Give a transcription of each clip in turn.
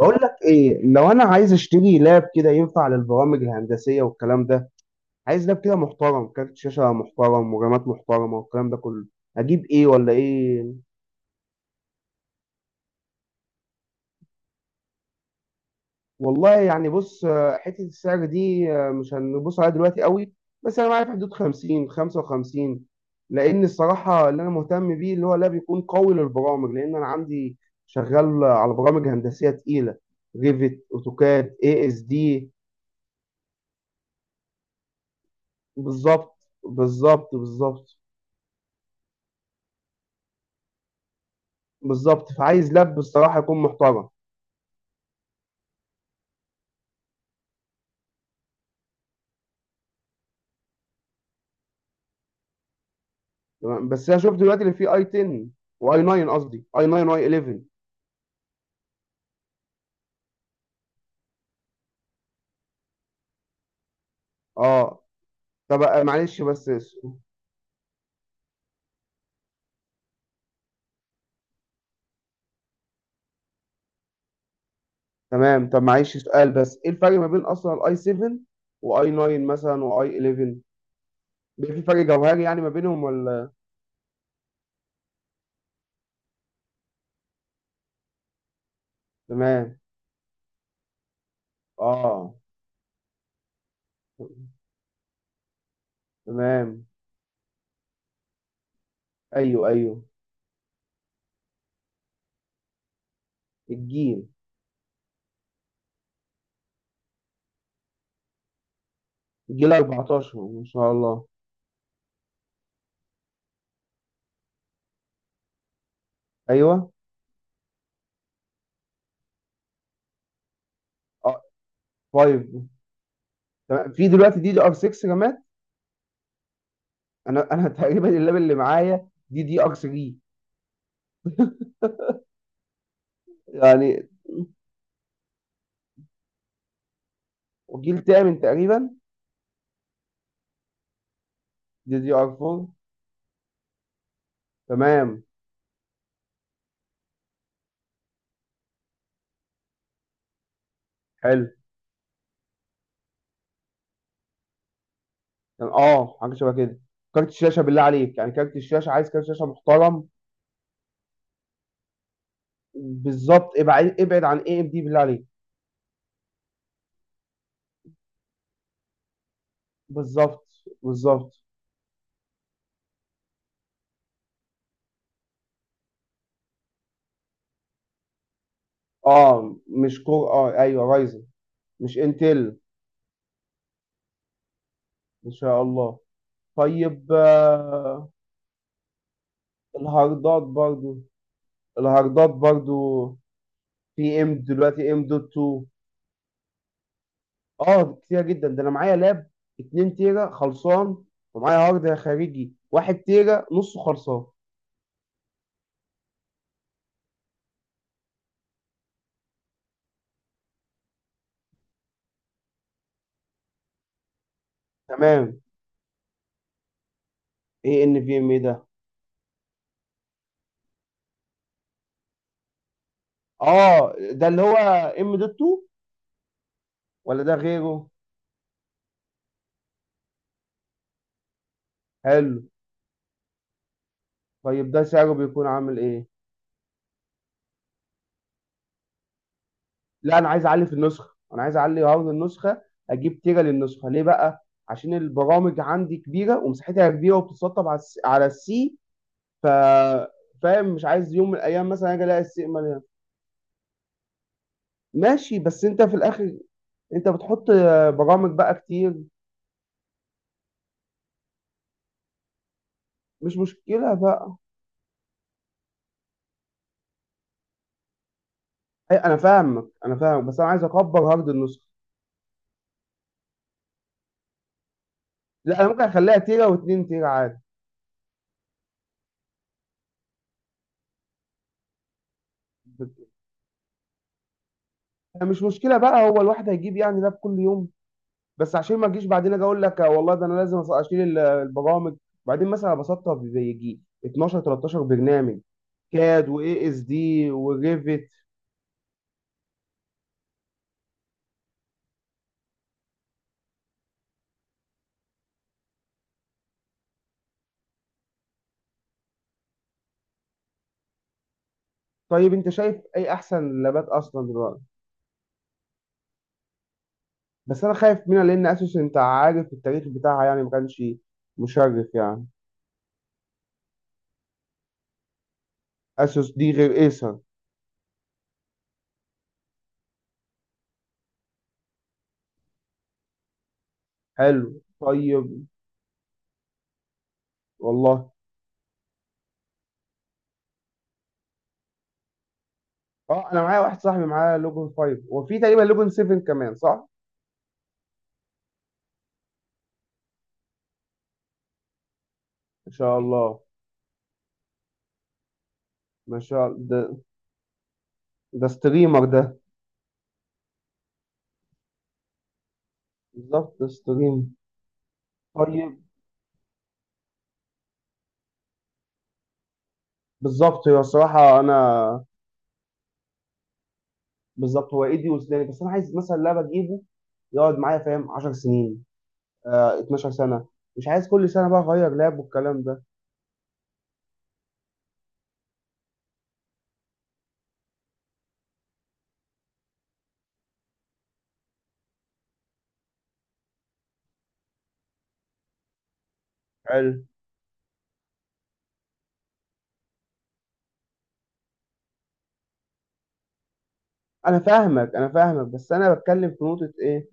بقول لك ايه؟ لو انا عايز اشتري لاب كده ينفع للبرامج الهندسيه والكلام ده. عايز لاب كده محترم، كارت شاشه محترم ورامات محترمه والكلام ده كله. اجيب ايه ولا ايه؟ والله يعني بص، حته السعر دي مش هنبص عليها دلوقتي قوي. بس انا معايا في حدود 50 55. لان الصراحه اللي انا مهتم بيه اللي هو لاب يكون قوي للبرامج، لان انا عندي شغال على برامج هندسيه تقيله. ريفت، اوتوكاد، اي اس دي. بالظبط، بالظبط، بالظبط، بالظبط، فعايز لاب الصراحه يكون محترم. تمام، بس انا شفت دلوقتي اللي فيه اي 10 واي 9، قصدي اي 9 واي 11. اه، طب معلش بس تمام. طب معلش، سؤال بس، ايه الفرق ما بين اصلا الاي 7 واي 9 مثلا واي 11؟ بيبقى في فرق جوهري يعني ما بينهم ولا؟ تمام، اه، تمام، ايوه، ايوه. الجيل الجيل 14 ما شاء الله. ايوه، اه، 5. تمام، في دلوقتي دي دي ار 6 رامات. انا تقريبا اللاب اللي معايا دي دي ار 3. يعني وجيل تامن تقريبا. دي دي ار 4، تمام. حلو، كان حاجه شبه كده. كارت الشاشه بالله عليك، يعني كارت الشاشه عايز كارت شاشه محترم. بالظبط، ابعد ابعد عن اي ام دي بالله عليك. بالظبط، بالظبط. اه، مش كور، اه، ايوه رايزن. مش انتل. ان شاء الله. طيب، آه. الهاردات برضو، الهاردات برضو. في ام دلوقتي، ام دوت 2. اه، كتير جدا، ده انا معايا لاب 2 تيرا خلصان، ومعايا هارد خارجي 1 تيرا نصه خلصان. تمام. ايه ان في ام اي ده؟ اه، ده اللي هو ام دوت 2 ولا ده غيره؟ حلو. طيب ده سعره بيكون عامل ايه؟ لا انا عايز اعلي في النسخه، انا عايز اعلي هارد النسخه. اجيب تيرا للنسخه ليه بقى؟ عشان البرامج عندي كبيره ومساحتها كبيره وبتتسطب على على السي. ف، فاهم؟ مش عايز يوم من الايام مثلا اجي الاقي السي مليان. ماشي، بس انت في الاخر انت بتحط برامج بقى كتير. مش مشكله بقى. انا فاهمك، انا فاهمك، بس انا عايز اكبر هارد النسخه. لا انا ممكن اخليها تيرا واتنين تيرا عادي. أنا مش مشكله بقى، هو الواحد هيجيب يعني لاب كل يوم؟ بس عشان ما اجيش بعدين اجي اقول لك والله ده انا لازم اشيل البرامج، بعدين مثلا بسطها بيجي 12 13 برنامج. كاد واي اس دي وريفت. طيب انت شايف اي احسن لابات اصلا دلوقتي؟ بس انا خايف منها، لان اسوس انت عارف التاريخ بتاعها، يعني ما كانش مشرف يعني. اسوس دي غير ايسر؟ حلو، طيب. والله. اه، انا معايا واحد صاحبي معاه لوجن 5، وفي تقريبا لوجن 7 كمان، صح؟ ما شاء الله. ما شاء الله، ده ده ستريمر ده. بالظبط، ده ستريم. طيب. بالظبط، هو الصراحه انا، بالظبط، هو ايدي وسناني، بس انا عايز مثلا لعبه اجيبه يقعد معايا فاهم 10 سنين، 12 سنه، مش عايز كل سنه بقى اغير لعب والكلام ده. حلو. انا فاهمك، انا فاهمك، بس انا بتكلم في نقطه، ايه؟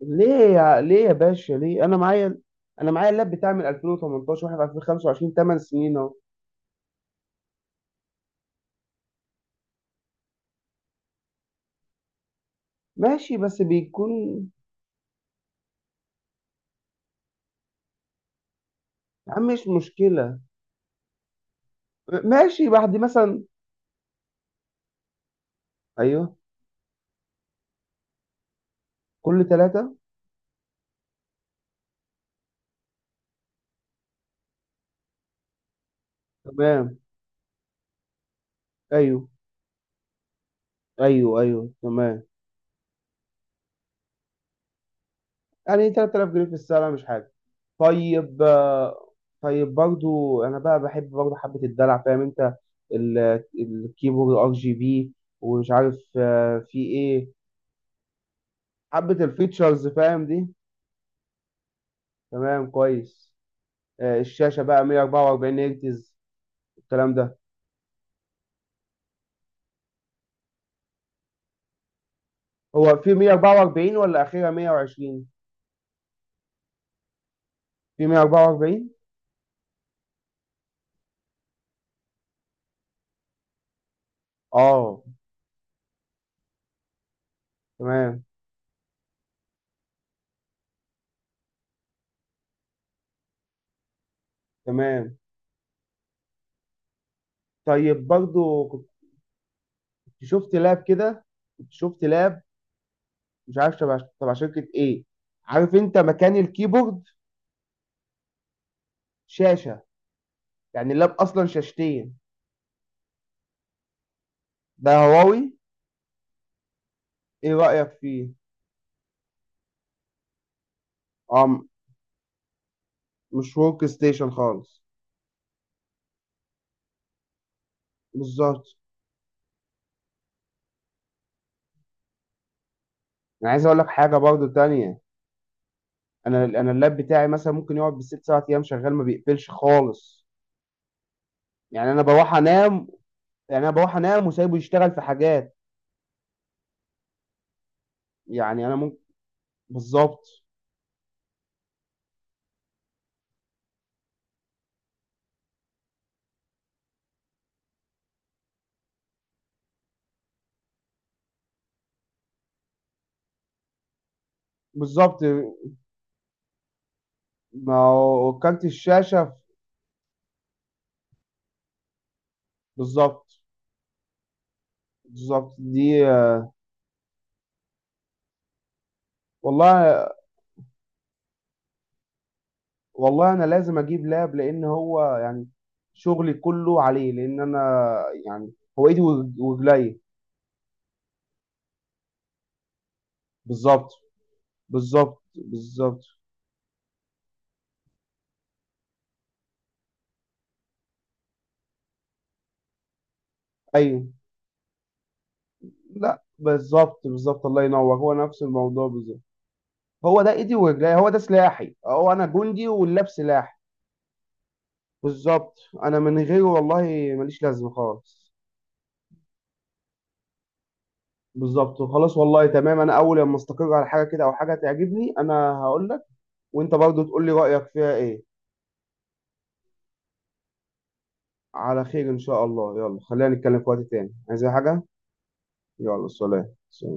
ليه؟ يا ليه يا باشا، ليه؟ انا معايا، انا معايا اللاب بتاعي من 2018 واحنا في 2025، 8 سنين اهو. ماشي، بس بيكون. يا عم مش مشكله. ماشي، بعد مثلا. ايوه. كل ثلاثه. تمام. ايوه، ايوه. ايوه تمام. يعني 3000 جنيه في السنه مش حاجه. طيب، آه. طيب برضو، انا بقى بحب برضو حبه الدلع، فاهم انت؟ الكيبورد ار جي بي، ومش عارف في ايه، حبه الفيتشرز فاهم دي. تمام، كويس. آه، الشاشة بقى 144 هرتز، الكلام ده. هو في 144 ولا أخيرا 120؟ في 144. اه، تمام، تمام. طيب، برضو كنت شفت لاب كده، كنت شفت لاب مش عارف تبع شركة ايه، عارف انت مكان الكيبورد شاشة، يعني اللاب اصلا شاشتين، ده هواوي. ايه رأيك فيه؟ اه، مش ورك ستيشن خالص. بالظبط. انا عايز اقول لك حاجة برضو تانية، انا اللاب بتاعي مثلا ممكن يقعد بالست سبع ايام شغال ما بيقفلش خالص. يعني انا بروح انام، يعني انا بروح انام وسايبه يشتغل في حاجات. يعني انا ممكن، بالظبط، بالظبط. ما هو كارت الشاشه. بالظبط. بالظبط دي. والله، والله انا لازم اجيب لاب لان هو يعني شغلي كله عليه، لان انا يعني، هو ايدي ورجلي. بالظبط، بالظبط، بالظبط. ايوه، لا بالظبط، بالظبط، الله ينور، هو نفس الموضوع بالظبط. هو ده ايدي ورجلي، هو ده سلاحي، هو انا جندي واللاب سلاحي. بالظبط. انا من غيره والله ماليش لازمه خالص. بالظبط. خلاص، والله تمام، انا اول لما استقر على حاجه كده او حاجه تعجبني انا هقول لك، وانت برضو تقول لي رايك فيها ايه. على خير، ان شاء الله. يلا خلينا نتكلم في وقت تاني، عايز أي حاجه؟ يلا، سلام، سلام.